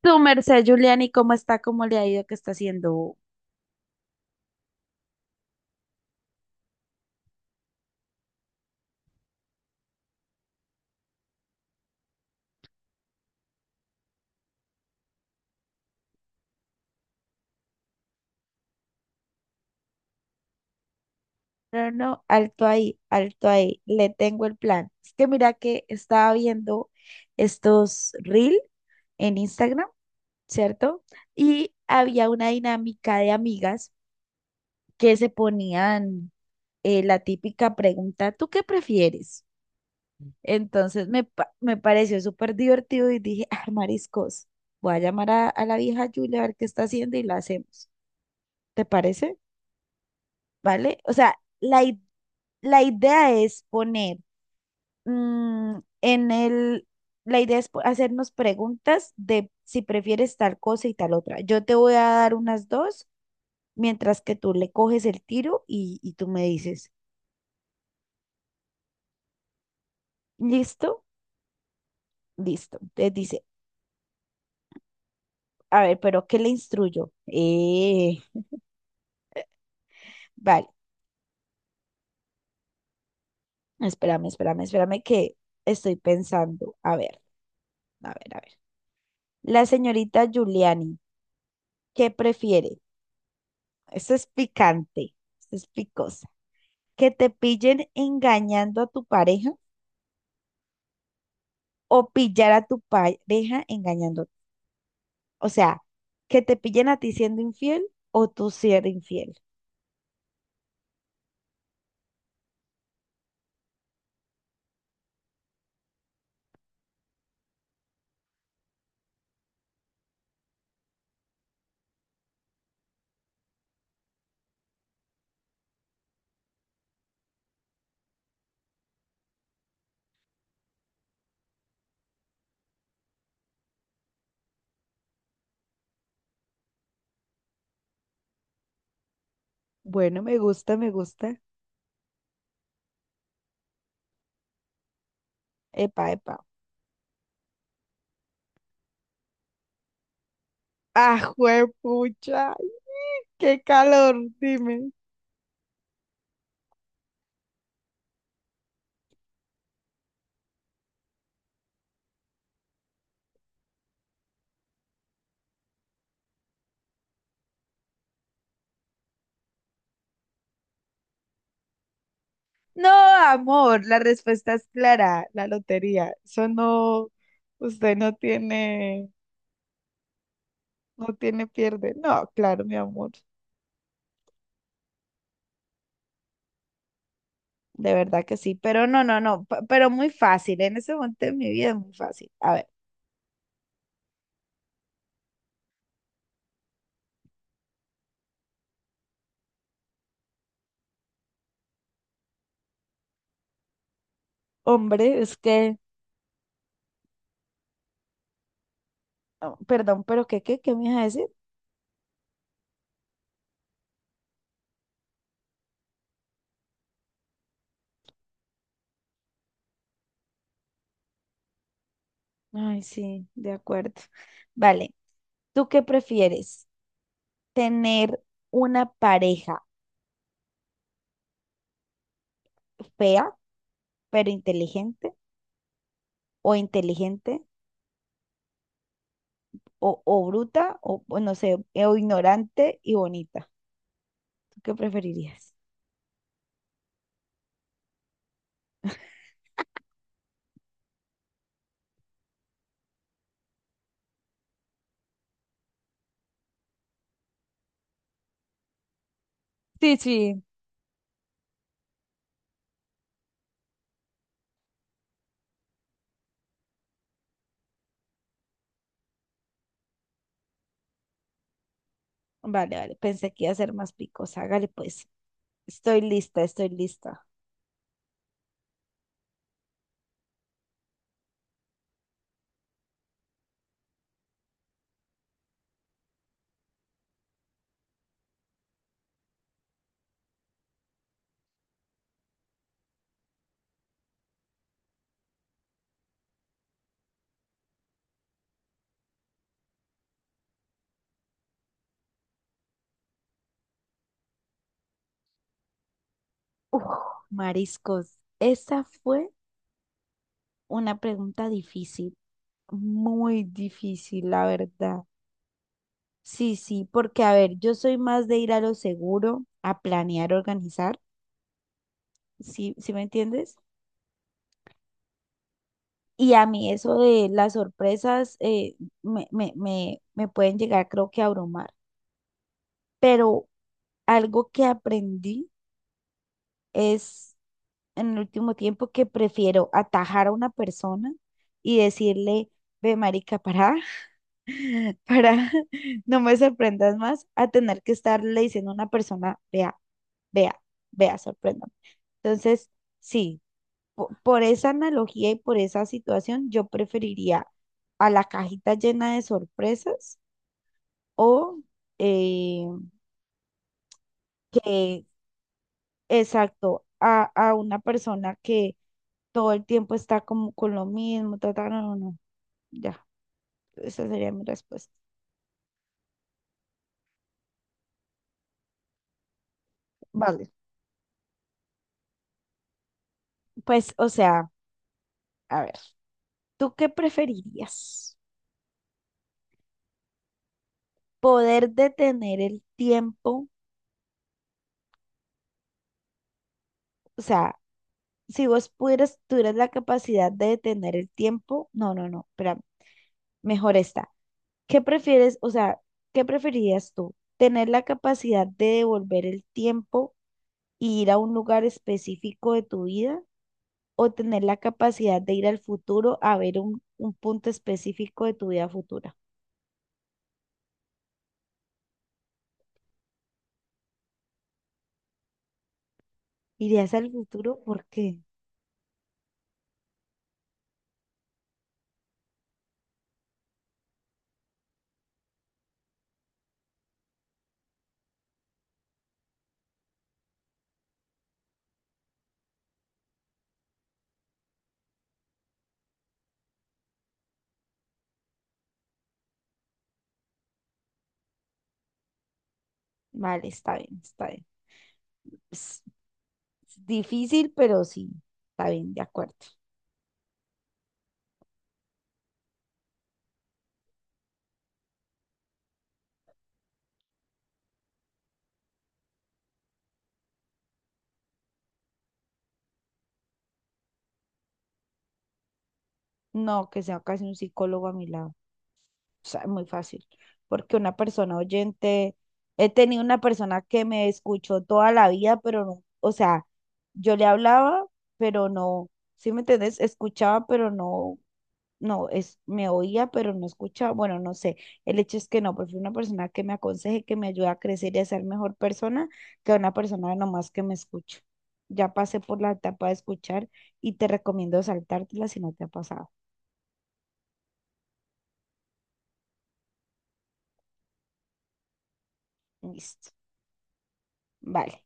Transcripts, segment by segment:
Tu merced, Juliani, ¿cómo está? ¿Cómo le ha ido? ¿Qué está haciendo? No, no, alto ahí, le tengo el plan. Es que mira que estaba viendo estos reel en Instagram, ¿cierto? Y había una dinámica de amigas que se ponían la típica pregunta, ¿tú qué prefieres? Entonces me pareció súper divertido y dije, ah, mariscos, voy a llamar a la vieja Julia a ver qué está haciendo y la hacemos. ¿Te parece? ¿Vale? O sea, la idea es poner mm, en el, la idea es hacernos preguntas de si prefieres tal cosa y tal otra. Yo te voy a dar unas dos, mientras que tú le coges el tiro y tú me dices, ¿listo? Listo. Entonces dice, a ver, pero ¿qué le instruyo? Vale, espérame que estoy pensando. A ver. La señorita Giuliani, ¿qué prefiere? Eso es picante, eso es picosa. Que te pillen engañando a tu pareja o pillar a tu pareja engañando. O sea, que te pillen a ti siendo infiel o tú ser infiel. Bueno, me gusta, me gusta. Epa, epa. Ah, juepucha, qué calor, dime. No, amor, la respuesta es clara, la lotería. Eso no, usted no tiene, no tiene pierde. No, claro, mi amor, de verdad que sí, pero no, no, no, p- pero muy fácil, en ese momento de mi vida es muy fácil. A ver, hombre, es que, oh, perdón, pero ¿ qué me ibas a decir? Ay, sí, de acuerdo. Vale, ¿tú qué prefieres? ¿Tener una pareja fea pero inteligente o inteligente o bruta, o no sé, o ignorante y bonita? ¿Tú qué preferirías? Sí, sí. Vale, vale, pensé que iba a ser más picos. Hágale pues. Estoy lista, estoy lista. Uf, mariscos. Esa fue una pregunta difícil, muy difícil, la verdad. Sí, sí, porque a ver, yo soy más de ir a lo seguro, a planear, organizar, ¿sí, sí me entiendes? Y a mí eso de las sorpresas me pueden llegar, creo que a abrumar. Pero algo que aprendí es en el último tiempo que prefiero atajar a una persona y decirle, ve marica, para, para, no me sorprendas más, a tener que estarle diciendo a una persona, vea, vea, sorprenda. Entonces, sí, por esa analogía y por esa situación, yo preferiría a la cajita llena de sorpresas o eh, exacto, a una persona que todo el tiempo está como con lo mismo, ta, ta, no, no, no, ya, esa sería mi respuesta. Vale, pues, o sea, a ver, ¿tú qué preferirías? ¿Poder detener el tiempo? O sea, si vos pudieras, tuvieras la capacidad de detener el tiempo, no, no, no, espera mejor está. ¿Qué prefieres? O sea, ¿qué preferirías tú? ¿Tener la capacidad de devolver el tiempo y ir a un lugar específico de tu vida o tener la capacidad de ir al futuro a ver un punto específico de tu vida futura? ¿Irías al futuro? ¿Por qué? Vale, está bien, está bien. Es es difícil, pero sí, está bien, de acuerdo. No, que sea casi un psicólogo a mi lado. O sea, es muy fácil, porque una persona oyente, he tenido una persona que me escuchó toda la vida, pero no, o sea, yo le hablaba, pero no, ¿sí me entendés? Escuchaba, pero no. No, es, me oía, pero no escuchaba, bueno, no sé. El hecho es que no, prefiero una persona que me aconseje, que me ayude a crecer y a ser mejor persona, que una persona nomás que me escuche. Ya pasé por la etapa de escuchar y te recomiendo saltártela si no te ha pasado. Listo. Vale,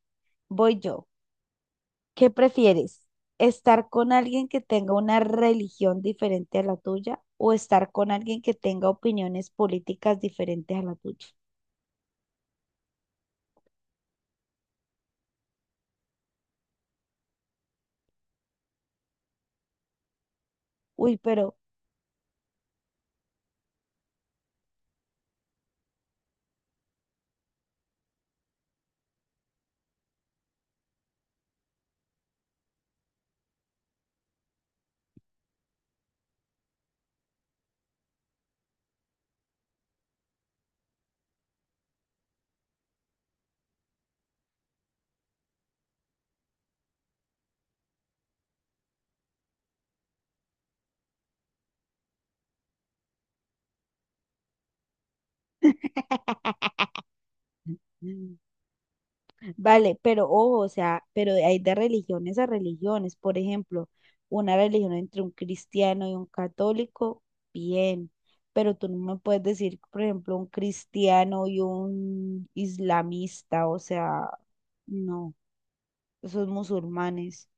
voy yo. ¿Qué prefieres? ¿Estar con alguien que tenga una religión diferente a la tuya o estar con alguien que tenga opiniones políticas diferentes a la tuya? Uy, pero... Vale, pero ojo, o sea, pero hay de religiones a religiones. Por ejemplo, una religión entre un cristiano y un católico, bien, pero tú no me puedes decir, por ejemplo, un cristiano y un islamista, o sea, no, esos musulmanes,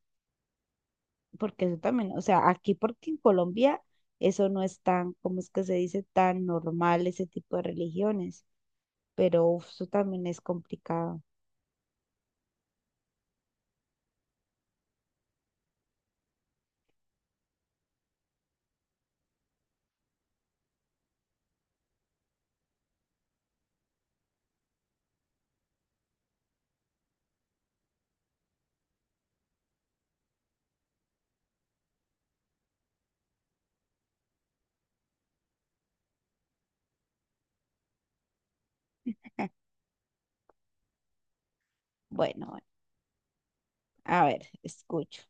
porque eso también, o sea, aquí porque en Colombia eso no es tan, ¿cómo es que se dice? Tan normal ese tipo de religiones, pero uf, eso también es complicado. Bueno, bueno, a ver, escucho.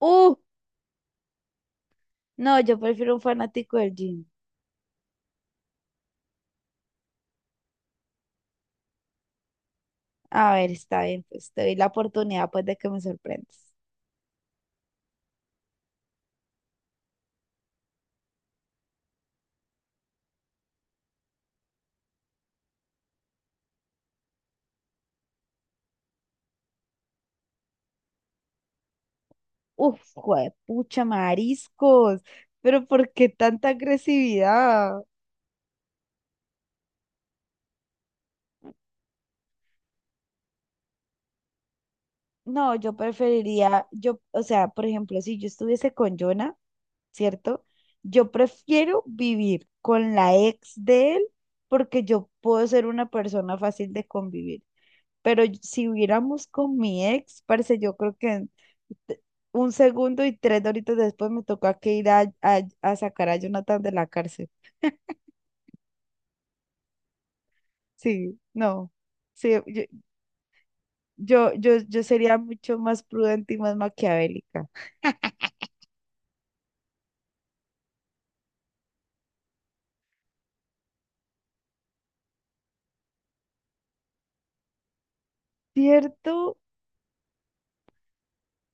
¡Uh! No, yo prefiero un fanático del gym. A ver, está bien, pues te doy la oportunidad pues de que me sorprendas. Uf, pucha, mariscos, pero ¿por qué tanta agresividad? No, yo preferiría, yo, o sea, por ejemplo, si yo estuviese con Jonah, ¿cierto? Yo prefiero vivir con la ex de él porque yo puedo ser una persona fácil de convivir. Pero si hubiéramos con mi ex, parce, yo creo que en te- un segundo y 3 horitos después me tocó que ir a sacar a Jonathan de la cárcel. Sí, no. Sí, yo sería mucho más prudente y más maquiavélica. ¿Cierto?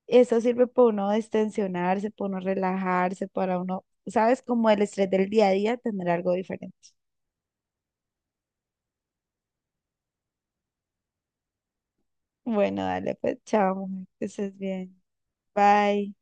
Eso sirve para uno destensionarse, para uno relajarse, para uno, ¿sabes? Como el estrés del día a día, tener algo diferente. Bueno, dale, pues, chao, mujer, que estés bien. Bye.